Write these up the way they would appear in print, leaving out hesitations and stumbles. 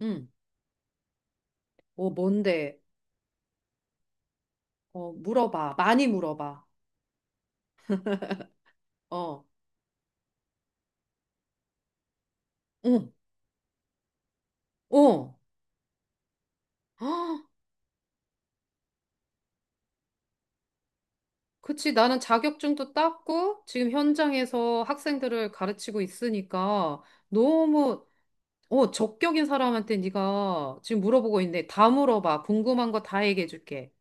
응. 어, 뭔데? 어, 물어봐. 많이 물어봐. 어, 응, 어. 아, 그치. 나는 자격증도 땄고, 지금 현장에서 학생들을 가르치고 있으니까, 너무, 적격인 사람한테 네가 지금 물어보고 있는데, 다 물어봐. 궁금한 거 다 얘기해줄게.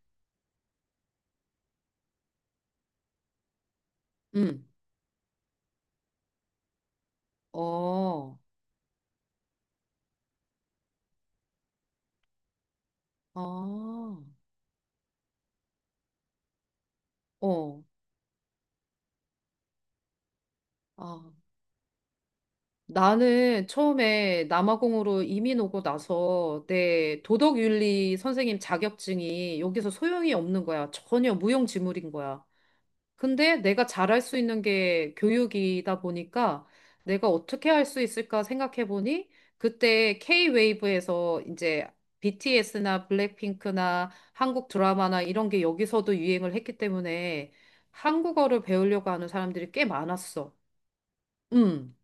응. 어, 아, 어, 아. 나는 처음에 남아공으로 이민 오고 나서 내 도덕윤리 선생님 자격증이 여기서 소용이 없는 거야. 전혀 무용지물인 거야. 근데 내가 잘할 수 있는 게 교육이다 보니까, 내가 어떻게 할 수 있을까 생각해 보니 그때 K-웨이브에서 이제 BTS나 블랙핑크나 한국 드라마나 이런 게 여기서도 유행을 했기 때문에 한국어를 배우려고 하는 사람들이 꽤 많았어. 음.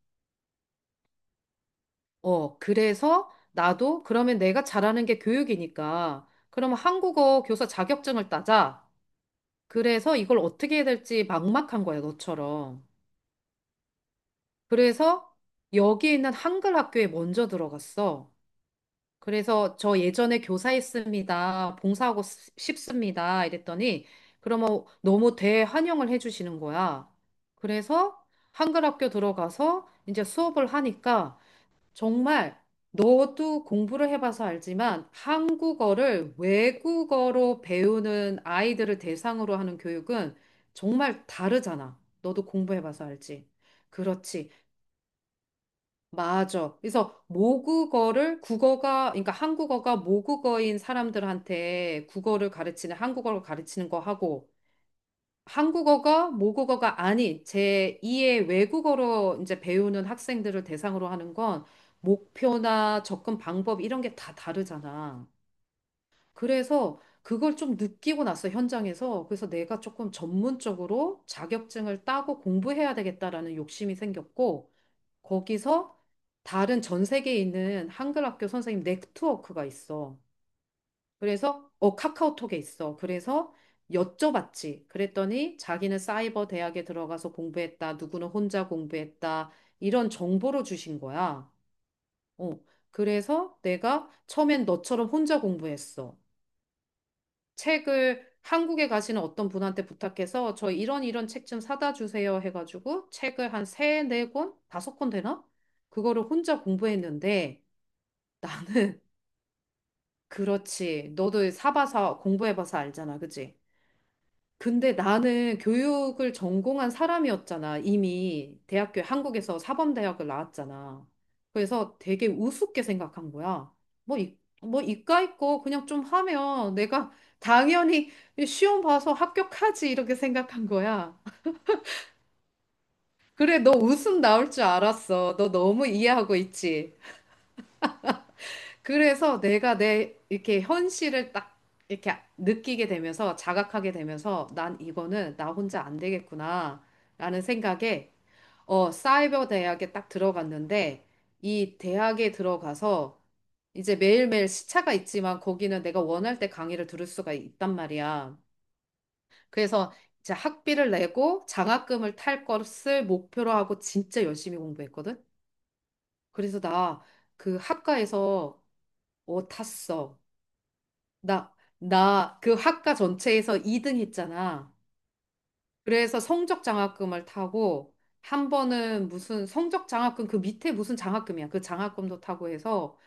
어, 그래서 나도 그러면 내가 잘하는 게 교육이니까 그러면 한국어 교사 자격증을 따자. 그래서 이걸 어떻게 해야 될지 막막한 거야, 너처럼. 그래서 여기 있는 한글 학교에 먼저 들어갔어. 그래서 저 예전에 교사했습니다. 봉사하고 싶습니다. 이랬더니 그러면 너무 대환영을 해주시는 거야. 그래서 한글 학교 들어가서 이제 수업을 하니까, 정말, 너도 공부를 해봐서 알지만 한국어를 외국어로 배우는 아이들을 대상으로 하는 교육은 정말 다르잖아. 너도 공부해봐서 알지. 그렇지. 맞아. 그래서 모국어를 국어가, 그러니까 한국어가 모국어인 사람들한테 국어를 가르치는, 한국어를 가르치는 거 하고, 한국어가 모국어가 아닌 제2의 외국어로 이제 배우는 학생들을 대상으로 하는 건 목표나 접근 방법 이런 게 다 다르잖아. 그래서 그걸 좀 느끼고 나서, 현장에서, 그래서 내가 조금 전문적으로 자격증을 따고 공부해야 되겠다라는 욕심이 생겼고, 거기서 다른 전 세계에 있는 한글 학교 선생님 네트워크가 있어. 그래서 카카오톡에 있어. 그래서 여쭤봤지. 그랬더니 자기는 사이버 대학에 들어가서 공부했다. 누구는 혼자 공부했다. 이런 정보를 주신 거야. 어. 그래서 내가 처음엔 너처럼 혼자 공부했어. 책을 한국에 가시는 어떤 분한테 부탁해서 저 이런 이런 책 좀 사다 주세요 해가지고 책을 한 세, 네 권, 다섯 권 되나? 그거를 혼자 공부했는데, 나는 그렇지. 너도 사봐서 공부해봐서 알잖아. 그치? 근데 나는 교육을 전공한 사람이었잖아. 이미 대학교 한국에서 사범대학을 나왔잖아. 그래서 되게 우습게 생각한 거야. 뭐, 이, 뭐 이과 있고 그냥 좀 하면 내가 당연히 시험 봐서 합격하지 이렇게 생각한 거야. 그래, 너 웃음 나올 줄 알았어. 너 너무 이해하고 있지? 그래서 내가 내 이렇게 현실을 딱 이렇게 느끼게 되면서 자각하게 되면서 난 이거는 나 혼자 안 되겠구나 라는 생각에 어, 사이버 대학에 딱 들어갔는데, 이 대학에 들어가서 이제 매일매일 시차가 있지만 거기는 내가 원할 때 강의를 들을 수가 있단 말이야. 그래서 이제 학비를 내고 장학금을 탈 것을 목표로 하고 진짜 열심히 공부했거든. 그래서 나 그 학과에서, 어, 탔어. 나, 나 그 학과 전체에서 2등 했잖아. 그래서 성적 장학금을 타고 한 번은 무슨 성적 장학금 그 밑에 무슨 장학금이야. 그 장학금도 타고 해서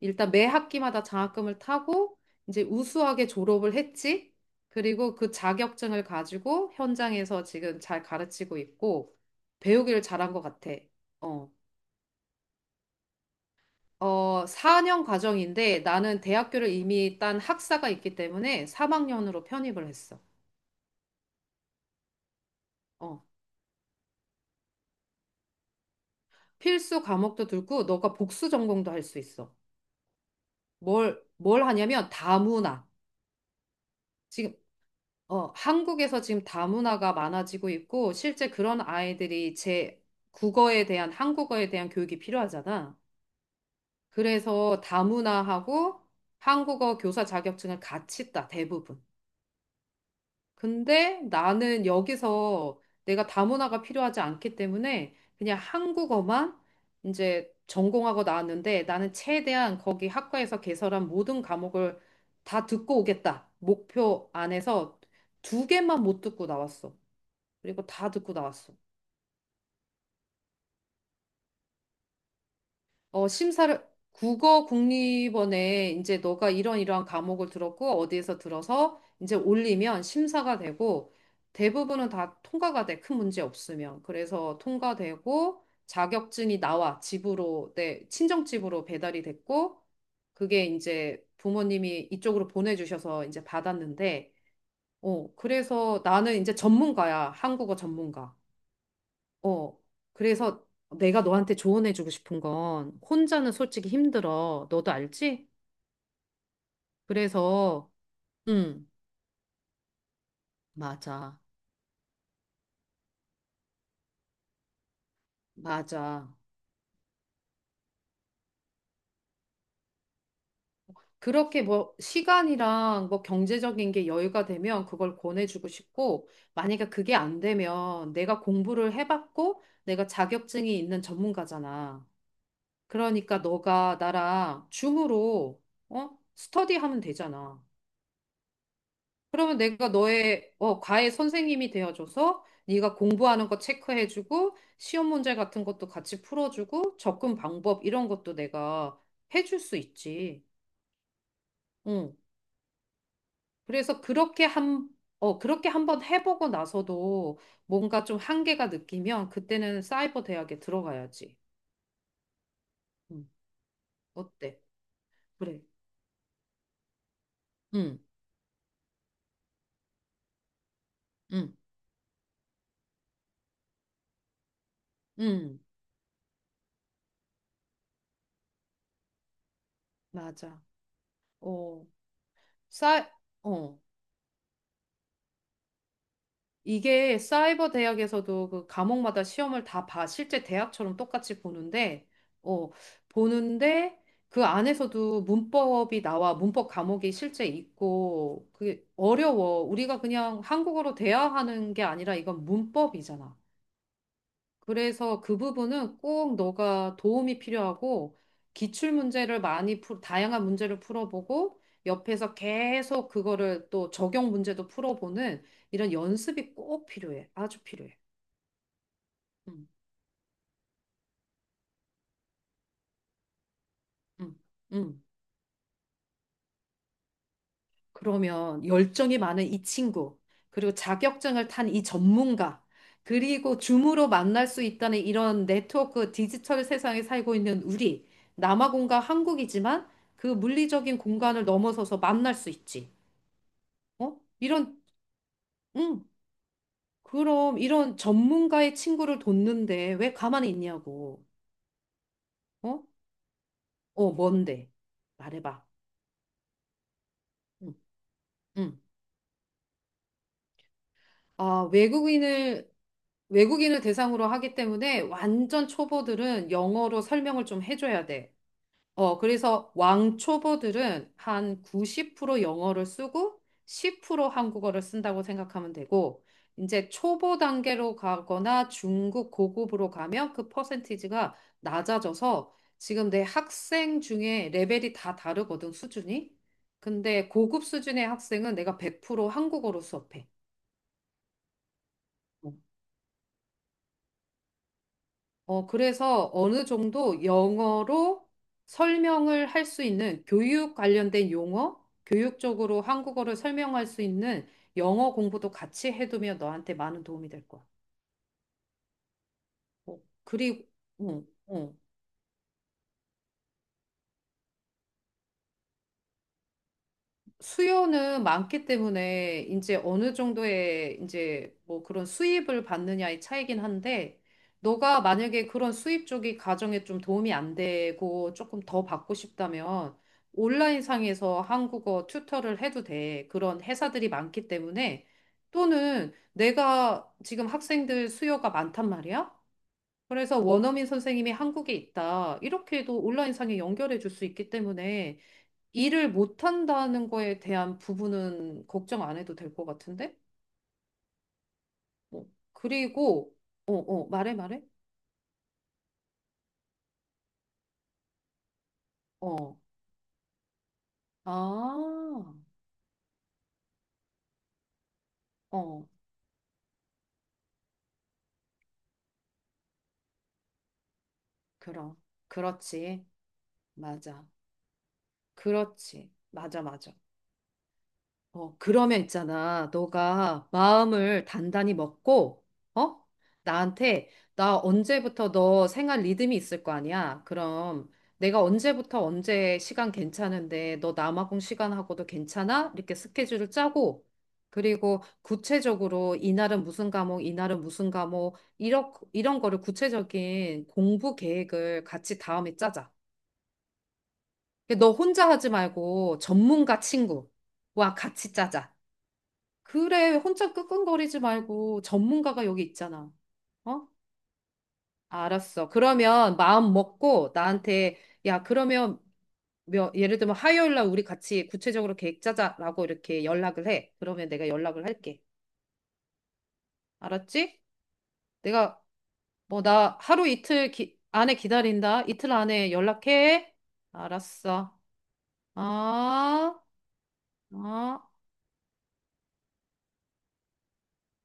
일단 매 학기마다 장학금을 타고 이제 우수하게 졸업을 했지. 그리고 그 자격증을 가지고 현장에서 지금 잘 가르치고 있고 배우기를 잘한 것 같아. 어. 어, 4년 과정인데 나는 대학교를 이미 딴 학사가 있기 때문에 3학년으로 편입을 했어. 어. 필수 과목도 들고 너가 복수 전공도 할 수 있어. 뭘 하냐면 다문화. 지금, 어, 한국에서 지금 다문화가 많아지고 있고 실제 그런 아이들이 제 국어에 대한 한국어에 대한 교육이 필요하잖아. 그래서 다문화하고 한국어 교사 자격증을 같이 따 대부분. 근데 나는 여기서 내가 다문화가 필요하지 않기 때문에 그냥 한국어만 이제 전공하고 나왔는데, 나는 최대한 거기 학과에서 개설한 모든 과목을 다 듣고 오겠다. 목표 안에서 두 개만 못 듣고 나왔어. 그리고 다 듣고 나왔어. 어, 심사를, 국어 국립원에 이제 너가 이런 이러한 과목을 들었고, 어디에서 들어서 이제 올리면 심사가 되고, 대부분은 다 통과가 돼, 큰 문제 없으면. 그래서 통과되고, 자격증이 나와, 집으로, 내 친정집으로 배달이 됐고, 그게 이제 부모님이 이쪽으로 보내주셔서 이제 받았는데, 어, 그래서 나는 이제 전문가야, 한국어 전문가. 어, 그래서 내가 너한테 조언해주고 싶은 건 혼자는 솔직히 힘들어. 너도 알지? 그래서, 음, 맞아, 맞아. 그렇게 뭐 시간이랑 뭐 경제적인 게 여유가 되면 그걸 권해주고 싶고, 만약에 그게 안 되면, 내가 공부를 해봤고, 내가 자격증이 있는 전문가잖아. 그러니까 너가 나랑 줌으로, 어, 스터디하면 되잖아. 그러면 내가 너의, 어, 과외 선생님이 되어줘서 네가 공부하는 거 체크해주고 시험 문제 같은 것도 같이 풀어주고 접근 방법 이런 것도 내가 해줄 수 있지. 응. 그래서 그렇게 한, 어, 그렇게 한번 해보고 나서도 뭔가 좀 한계가 느끼면 그때는 사이버 대학에 들어가야지. 응. 어때? 그래. 응, 응, 응. 맞아. 어, 사이, 어. 이게 사이버 대학에서도 그 과목마다 시험을 다 봐. 실제 대학처럼 똑같이 보는데, 어, 보는데 그 안에서도 문법이 나와. 문법 과목이 실제 있고, 그게 어려워. 우리가 그냥 한국어로 대화하는 게 아니라 이건 문법이잖아. 그래서 그 부분은 꼭 너가 도움이 필요하고 기출 문제를 많이 풀, 다양한 문제를 풀어보고 옆에서 계속 그거를 또 적용 문제도 풀어보는 이런 연습이 꼭 필요해. 아주 필요해. 음, 음, 음. 그러면 열정이 많은 이 친구, 그리고 자격증을 탄 이 전문가, 그리고 줌으로 만날 수 있다는 이런 네트워크, 디지털 세상에 살고 있는 우리, 남아공과 한국이지만 그 물리적인 공간을 넘어서서 만날 수 있지. 어? 이런, 응, 그럼 이런 전문가의 친구를 돕는데 왜 가만히 있냐고. 어? 어, 뭔데? 말해봐. 응, 응. 아, 외국인을 대상으로 하기 때문에 완전 초보들은 영어로 설명을 좀 해줘야 돼. 어, 그래서 왕초보들은 한 90% 영어를 쓰고 10% 한국어를 쓴다고 생각하면 되고, 이제 초보 단계로 가거나 중급 고급으로 가면 그 퍼센티지가 낮아져서 지금 내 학생 중에 레벨이 다 다르거든, 수준이. 근데 고급 수준의 학생은 내가 100% 한국어로 수업해. 어, 그래서 어느 정도 영어로 설명을 할 수 있는 교육 관련된 용어, 교육적으로 한국어를 설명할 수 있는 영어 공부도 같이 해두면 너한테 많은 도움이 될 거야. 어, 그리고, 응, 응. 수요는 많기 때문에 이제 어느 정도의 이제 뭐 그런 수입을 받느냐의 차이긴 한데 너가 만약에 그런 수입 쪽이 가정에 좀 도움이 안 되고 조금 더 받고 싶다면 온라인 상에서 한국어 튜터를 해도 돼. 그런 회사들이 많기 때문에, 또는, 내가 지금 학생들 수요가 많단 말이야. 그래서 원어민 선생님이 한국에 있다. 이렇게도 온라인 상에 연결해 줄 수 있기 때문에 일을 못한다는 거에 대한 부분은 걱정 안 해도 될 것 같은데? 어. 그리고, 말해? 어, 아, 어, 그럼. 그렇지. 맞아. 그렇지. 맞아, 맞아. 어, 그러면 있잖아. 너가 마음을 단단히 먹고, 어? 나한테, 나 언제부터 너 생활 리듬이 있을 거 아니야? 그럼 내가 언제부터 언제 시간 괜찮은데, 너 남아공 시간하고도 괜찮아? 이렇게 스케줄을 짜고, 그리고 구체적으로 이날은 무슨 과목, 이날은 무슨 과목, 이런, 이런 거를 구체적인 공부 계획을 같이 다음에 짜자. 너 혼자 하지 말고 전문가 친구와 같이 짜자. 그래, 혼자 끙끙거리지 말고 전문가가 여기 있잖아. 어? 알았어. 그러면 마음 먹고 나한테, 야, 그러면 몇, 예를 들면 화요일 날 우리 같이 구체적으로 계획 짜자라고 이렇게 연락을 해. 그러면 내가 연락을 할게. 알았지? 내가 뭐 나 하루 이틀 안에 기다린다. 이틀 안에 연락해. 알았어. 아, 아.